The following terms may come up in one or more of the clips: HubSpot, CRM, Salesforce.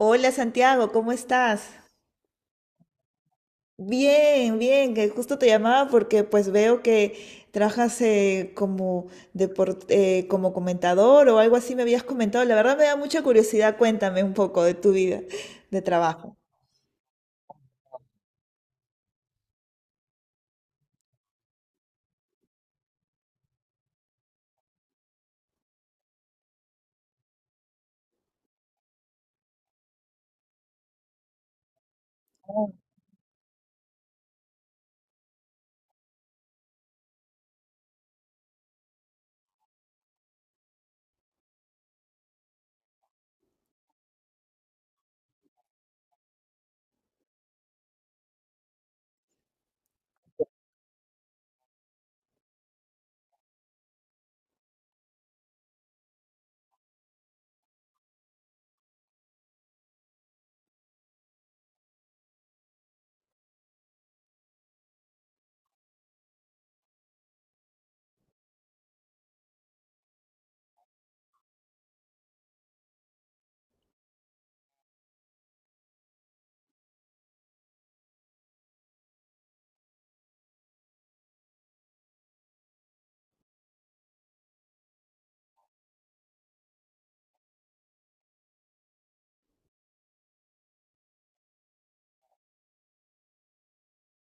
Hola Santiago, ¿cómo estás? Bien, bien, que justo te llamaba porque pues veo que trabajas como como comentador o algo así me habías comentado. La verdad me da mucha curiosidad, cuéntame un poco de tu vida de trabajo.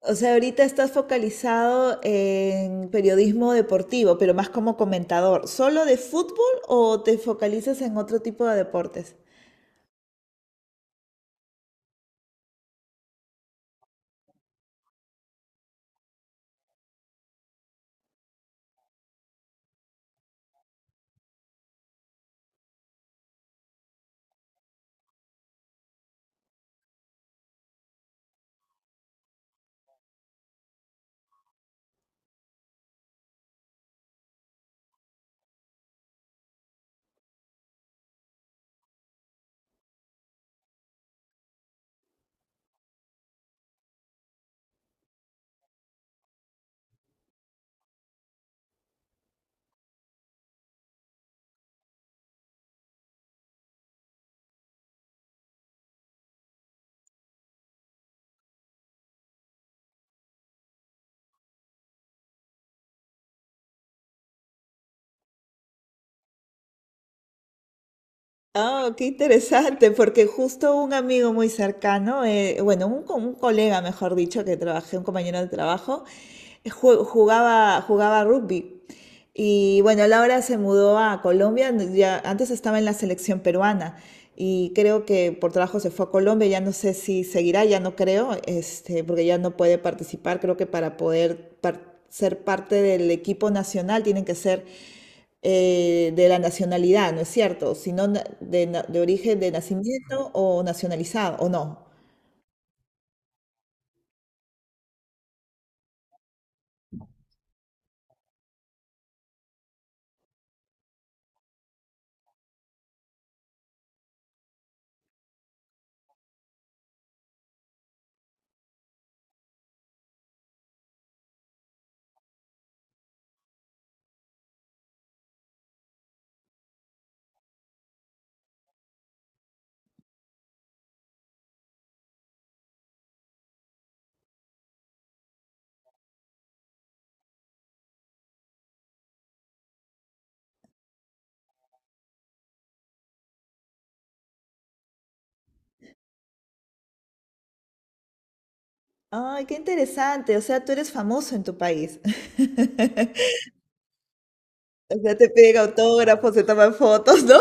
O sea, ahorita estás focalizado en periodismo deportivo, pero más como comentador. ¿Solo de fútbol o te focalizas en otro tipo de deportes? Ah, qué interesante, porque justo un amigo muy cercano, bueno, un colega, mejor dicho, que trabajé, un compañero de trabajo, jugaba rugby. Y bueno, él ahora se mudó a Colombia, ya, antes estaba en la selección peruana y creo que por trabajo se fue a Colombia, ya no sé si seguirá, ya no creo, este, porque ya no puede participar, creo que para poder ser parte del equipo nacional tienen que ser de la nacionalidad, ¿no es cierto? Sino de origen de nacimiento o nacionalizado, ¿o no? Ay, qué interesante. O sea, tú eres famoso en tu país. O sea, te piden autógrafos, se toman fotos, ¿no?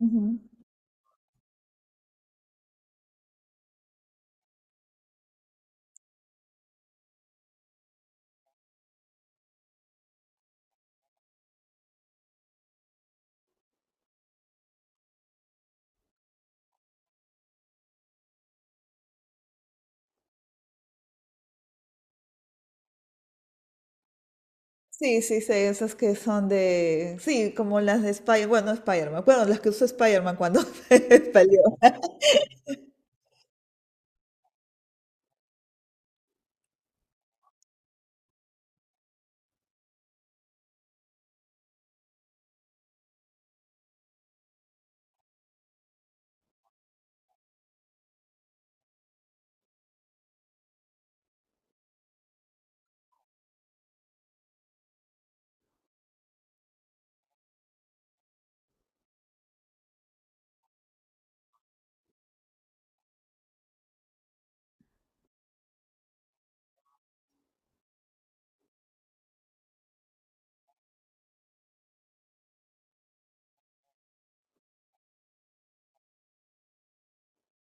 Ujú. Sí, sí, sí, esas que son de Sí, como las de Spider-Man, bueno, no Spider-Man, bueno, las que usó Spider-Man cuando salió.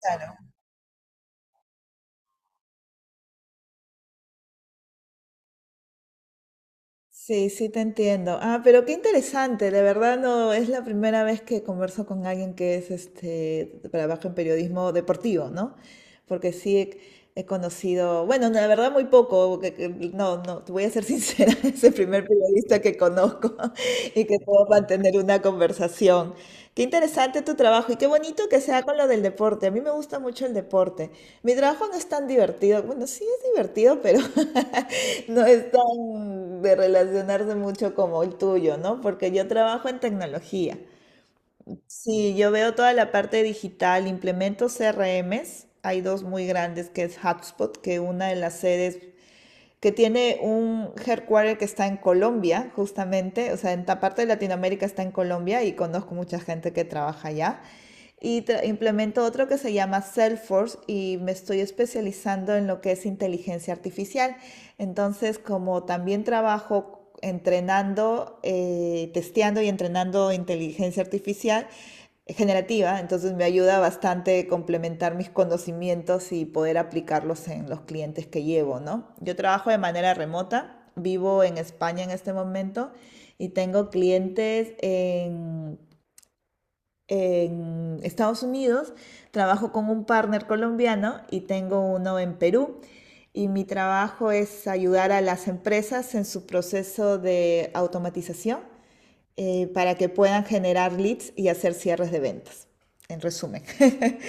Sí, sí, te entiendo. Ah, pero qué interesante, de verdad no es la primera vez que converso con alguien que es este trabaja en periodismo deportivo, ¿no? Porque sí he conocido, bueno, la verdad muy poco, no, no, te voy a ser sincera, es el primer periodista que conozco y que puedo mantener una conversación. Qué interesante tu trabajo y qué bonito que sea con lo del deporte. A mí me gusta mucho el deporte. Mi trabajo no es tan divertido. Bueno, sí es divertido, pero no es tan de relacionarse mucho como el tuyo, ¿no? Porque yo trabajo en tecnología. Sí, yo veo toda la parte digital, implemento CRMs. Hay dos muy grandes, que es HubSpot, que una de las sedes que tiene un headquarter que está en Colombia, justamente, o sea, en esta parte de Latinoamérica está en Colombia y conozco mucha gente que trabaja allá. Y implemento otro que se llama Salesforce y me estoy especializando en lo que es inteligencia artificial. Entonces, como también trabajo entrenando, testeando y entrenando inteligencia artificial, es generativa, entonces me ayuda bastante complementar mis conocimientos y poder aplicarlos en los clientes que llevo, ¿no? Yo trabajo de manera remota, vivo en España en este momento y tengo clientes en Estados Unidos, trabajo con un partner colombiano y tengo uno en Perú. Y mi trabajo es ayudar a las empresas en su proceso de automatización para que puedan generar leads y hacer cierres de ventas, en resumen.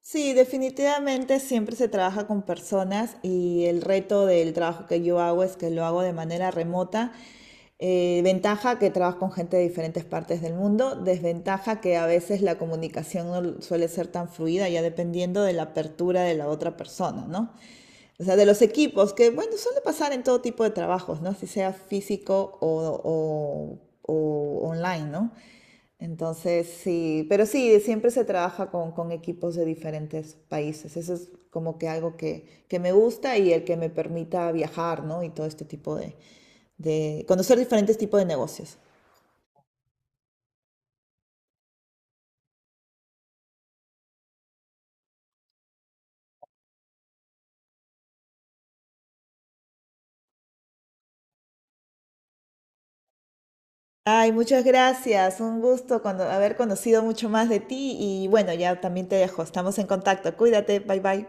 Sí, definitivamente siempre se trabaja con personas y el reto del trabajo que yo hago es que lo hago de manera remota. Ventaja que trabajo con gente de diferentes partes del mundo, desventaja que a veces la comunicación no suele ser tan fluida, ya dependiendo de la apertura de la otra persona, ¿no? O sea, de los equipos, que bueno, suele pasar en todo tipo de trabajos, ¿no? Si sea físico o, o online, ¿no? Entonces, sí, pero sí, siempre se trabaja con equipos de diferentes países. Eso es como que algo que me gusta y el que me permita viajar, ¿no? Y todo este tipo de conocer diferentes tipos de negocios. Ay, muchas gracias. Un gusto haber conocido mucho más de ti y bueno, ya también te dejo. Estamos en contacto. Cuídate. Bye bye.